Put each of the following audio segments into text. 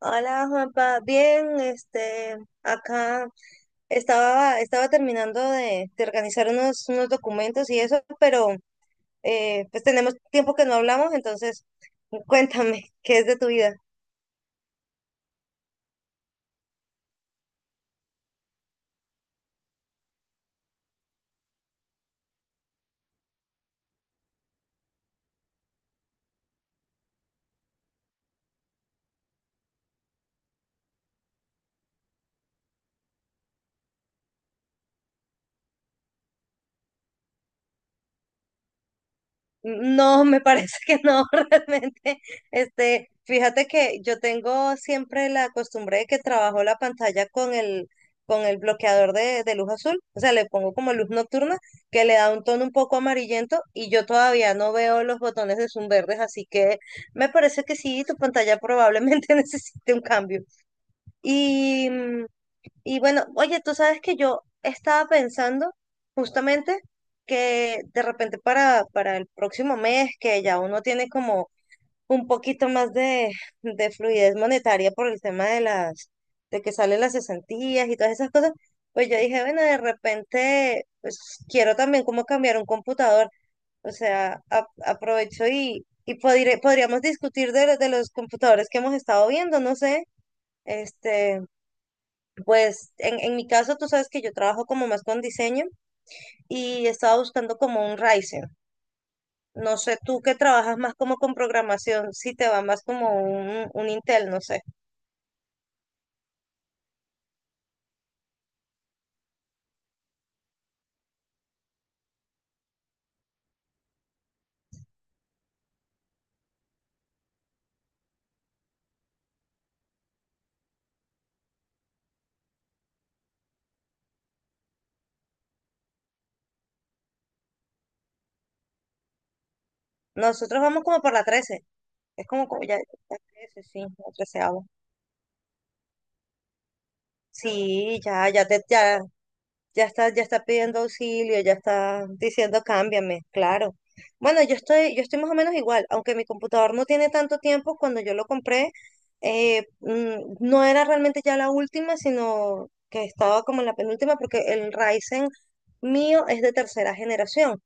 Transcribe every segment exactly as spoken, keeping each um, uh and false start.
Hola Juanpa, bien, este, acá estaba, estaba terminando de, de organizar unos, unos documentos y eso, pero eh, pues tenemos tiempo que no hablamos, entonces cuéntame, ¿qué es de tu vida? No, me parece que no, realmente. Este, fíjate que yo tengo siempre la costumbre de que trabajo la pantalla con el, con el bloqueador de, de luz azul, o sea, le pongo como luz nocturna, que le da un tono un poco amarillento y yo todavía no veo los botones de zoom verdes, así que me parece que sí, tu pantalla probablemente necesite un cambio. Y, mm, y bueno, oye, tú sabes que yo estaba pensando justamente que de repente para, para el próximo mes, que ya uno tiene como un poquito más de, de fluidez monetaria por el tema de las, de que salen las cesantías y todas esas cosas. Pues yo dije, bueno, de repente, pues quiero también como cambiar un computador. O sea, a- aprovecho y, y podré- podríamos discutir de, de los computadores que hemos estado viendo, no sé, este. Pues en, en mi caso, tú sabes que yo trabajo como más con diseño y estaba buscando como un Ryzen. No sé, tú que trabajas más como con programación, si te va más como un, un Intel, no sé. Nosotros vamos como por la trece. Es como, como ya, ya trece, sí, la trece. Sí, ya, ya, te- ya ya está, ya está pidiendo auxilio, ya está diciendo cámbiame, claro. Bueno, yo estoy, yo estoy más o menos igual, aunque mi computador no tiene tanto tiempo. Cuando yo lo compré, eh, mm, no era realmente ya la última, sino que estaba como en la penúltima, porque el Ryzen mío es de tercera generación.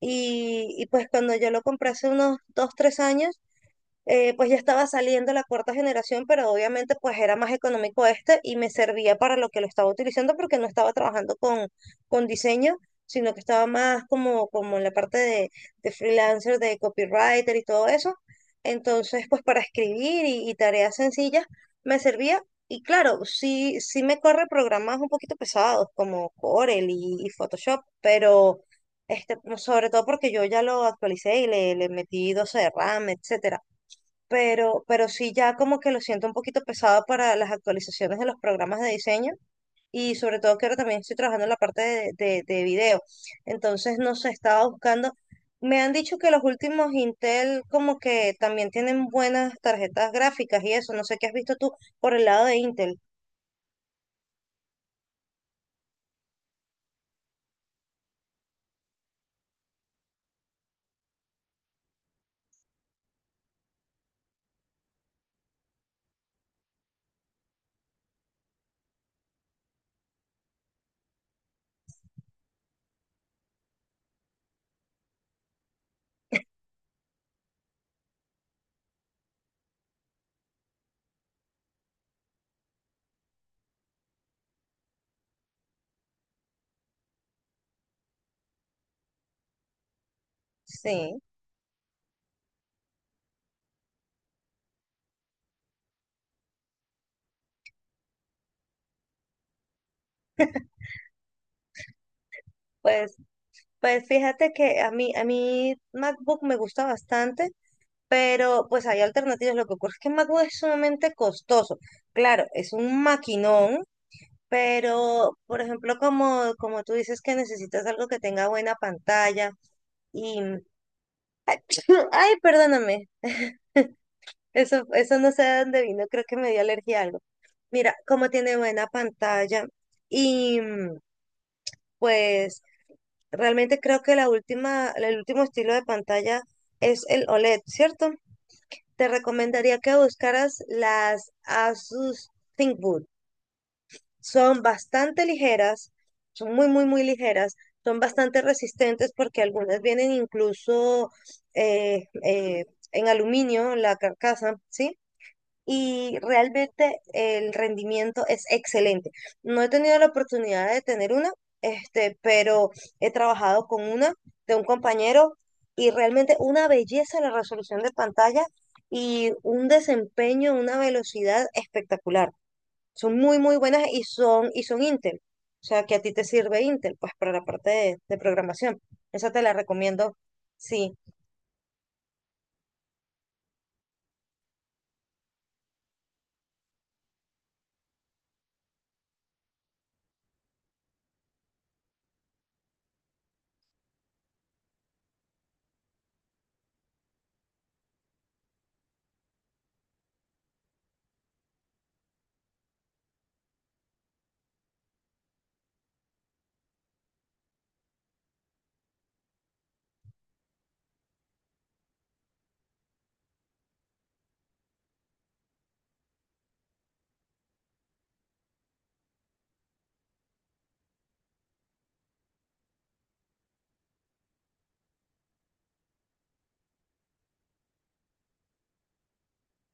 Y, y pues cuando yo lo compré hace unos dos, tres años, eh, pues ya estaba saliendo la cuarta generación, pero obviamente pues era más económico este y me servía para lo que lo estaba utilizando, porque no estaba trabajando con, con diseño, sino que estaba más como, como en la parte de, de freelancer, de copywriter y todo eso. Entonces pues para escribir y, y tareas sencillas me servía. Y claro, sí, sí me corre programas un poquito pesados como Corel y, y Photoshop, pero este, sobre todo porque yo ya lo actualicé y le, le metí doce de RAM, etcétera, pero, pero sí ya como que lo siento un poquito pesado para las actualizaciones de los programas de diseño, y sobre todo que ahora también estoy trabajando en la parte de, de, de video. Entonces, no sé, estaba buscando. Me han dicho que los últimos Intel como que también tienen buenas tarjetas gráficas y eso. No sé qué has visto tú por el lado de Intel. Sí, pues, pues fíjate que a mí, a mí MacBook me gusta bastante. Pero pues hay alternativas. Lo que ocurre es que MacBook es sumamente costoso. Claro, es un maquinón. Pero, por ejemplo, como, como tú dices que necesitas algo que tenga buena pantalla y... Ay, perdóname, eso, eso no sé de dónde vino, creo que me dio alergia a algo. Mira, como tiene buena pantalla y mm, pues realmente creo que la última, el último estilo de pantalla es el O L E D, ¿cierto? Te recomendaría que buscaras las Asus ThinkBook. Son bastante ligeras, son muy, muy, muy ligeras, son bastante resistentes porque algunas vienen incluso eh, eh, en aluminio, la carcasa, ¿sí? Y realmente el rendimiento es excelente. No he tenido la oportunidad de tener una, este, pero he trabajado con una de un compañero y realmente una belleza la resolución de pantalla y un desempeño, una velocidad espectacular. Son muy, muy buenas y son, y son Intel. O sea, que a ti te sirve Intel, pues para la parte de, de programación. Esa te la recomiendo, sí.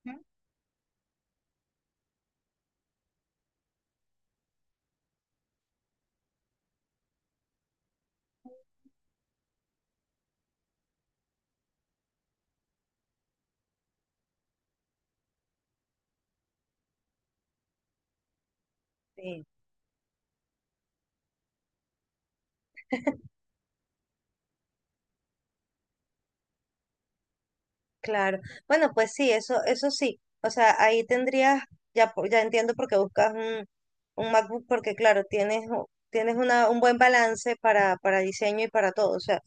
Ujú. Sí, claro. Bueno, pues sí, eso, eso sí. O sea, ahí tendrías, ya, po- ya entiendo por qué buscas un, un MacBook, porque claro, tienes, u- tienes una, un buen balance para, para diseño y para todo. O sea,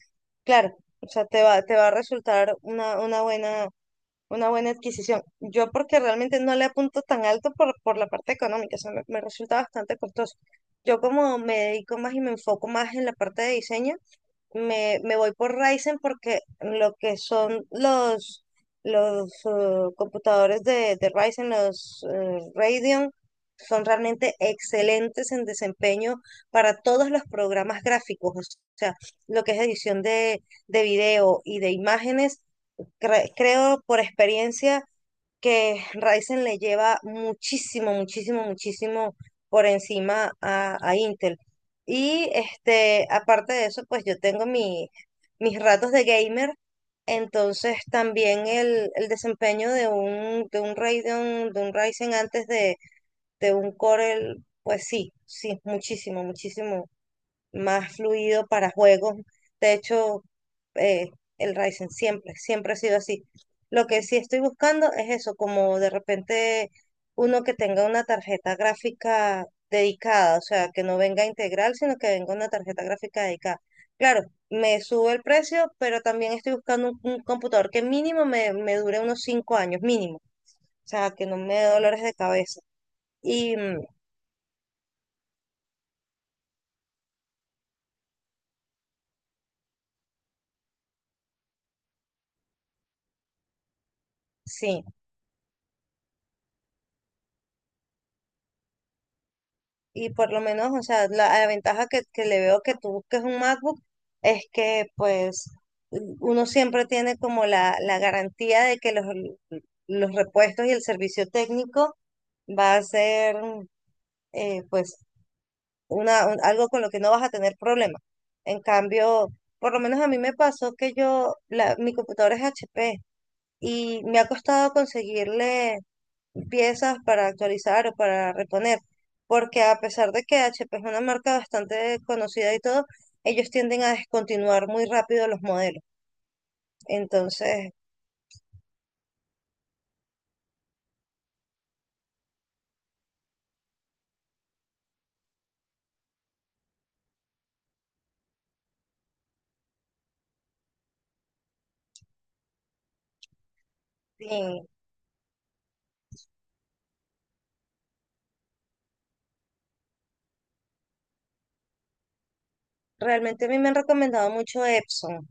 claro, o sea, te va, te va a resultar una, una buena, una buena adquisición. Yo porque realmente no le apunto tan alto por, por la parte económica, o sea, me, me resulta bastante costoso. Yo como me dedico más y me enfoco más en la parte de diseño, me, me voy por Ryzen, porque lo que son los, los eh, computadores de, de Ryzen, los eh, Radeon, son realmente excelentes en desempeño para todos los programas gráficos, o sea, lo que es edición de, de video y de imágenes, cre- creo por experiencia que Ryzen le lleva muchísimo, muchísimo, muchísimo por encima a, a Intel. Y este, aparte de eso, pues yo tengo mi, mis ratos de gamer, entonces también el, el desempeño de un, de un Radeon, de un Ryzen antes de, de un Core, el- pues sí, sí, muchísimo, muchísimo más fluido para juegos. De hecho, eh, el Ryzen siempre, siempre ha sido así. Lo que sí estoy buscando es eso, como de repente uno que tenga una tarjeta gráfica dedicada, o sea, que no venga integral, sino que venga una tarjeta gráfica dedicada. Claro, me sube el precio, pero también estoy buscando un, un computador que mínimo me, me dure unos cinco años, mínimo. O sea, que no me dé dolores de cabeza. Y mm, sí, y por lo menos, o sea, la, la ventaja que, que le veo que tú busques un MacBook es que pues uno siempre tiene como la, la garantía de que los, los repuestos y el servicio técnico va a ser eh, pues una, un- algo con lo que no vas a tener problema. En cambio, por lo menos a mí me pasó que yo, la, mi computadora es H P y me ha costado conseguirle piezas para actualizar o para reponer, porque a pesar de que H P es una marca bastante conocida y todo, ellos tienden a descontinuar muy rápido los modelos. Entonces, sí, realmente a mí me han recomendado mucho Epson,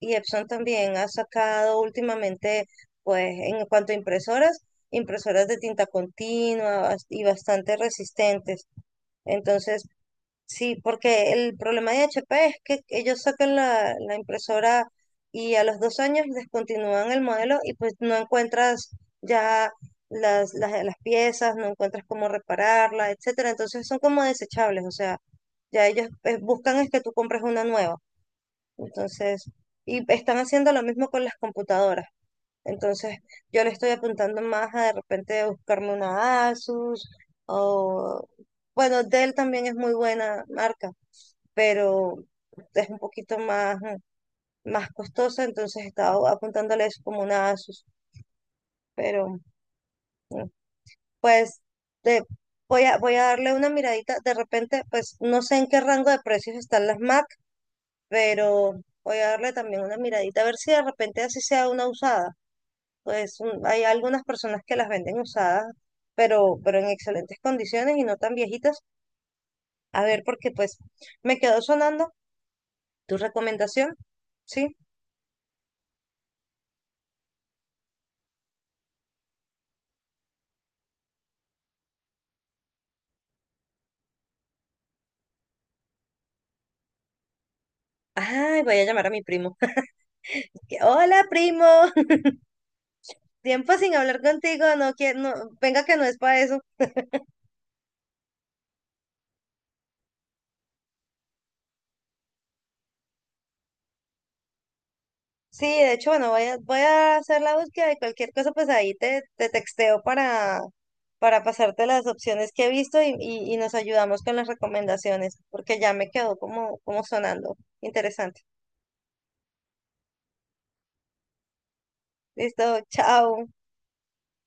y Epson también ha sacado últimamente, pues en cuanto a impresoras, impresoras de tinta continua bas- y bastante resistentes. Entonces, sí, porque el problema de H P es que ellos sacan la, la impresora y a los dos años descontinúan el modelo y pues no encuentras ya las, las, las piezas, no encuentras cómo repararla, etcétera. Entonces son como desechables, o sea, ya ellos eh, buscan es que tú compres una nueva. Entonces, y están haciendo lo mismo con las computadoras. Entonces, yo le estoy apuntando más a de repente buscarme una Asus o, bueno, Dell también es muy buena marca, pero es un poquito más, mm, más costosa, entonces estaba apuntándole eso como una Asus, pero pues te, voy a, voy a darle una miradita, de repente pues no sé en qué rango de precios están las Mac, pero voy a darle también una miradita, a ver si de repente así sea una usada, pues un- hay algunas personas que las venden usadas. Pero, pero en excelentes condiciones y no tan viejitas. A ver, porque pues me quedó sonando tu recomendación, ¿sí? Ay, voy a llamar a mi primo. Hola, primo. Tiempo sin hablar contigo. No, que, no, venga que no es para eso. Sí, de hecho, bueno, voy a, voy a hacer la búsqueda de cualquier cosa, pues ahí te, te texteo para, para pasarte las opciones que he visto y, y, y nos ayudamos con las recomendaciones, porque ya me quedó como, como sonando interesante. Listo, chao.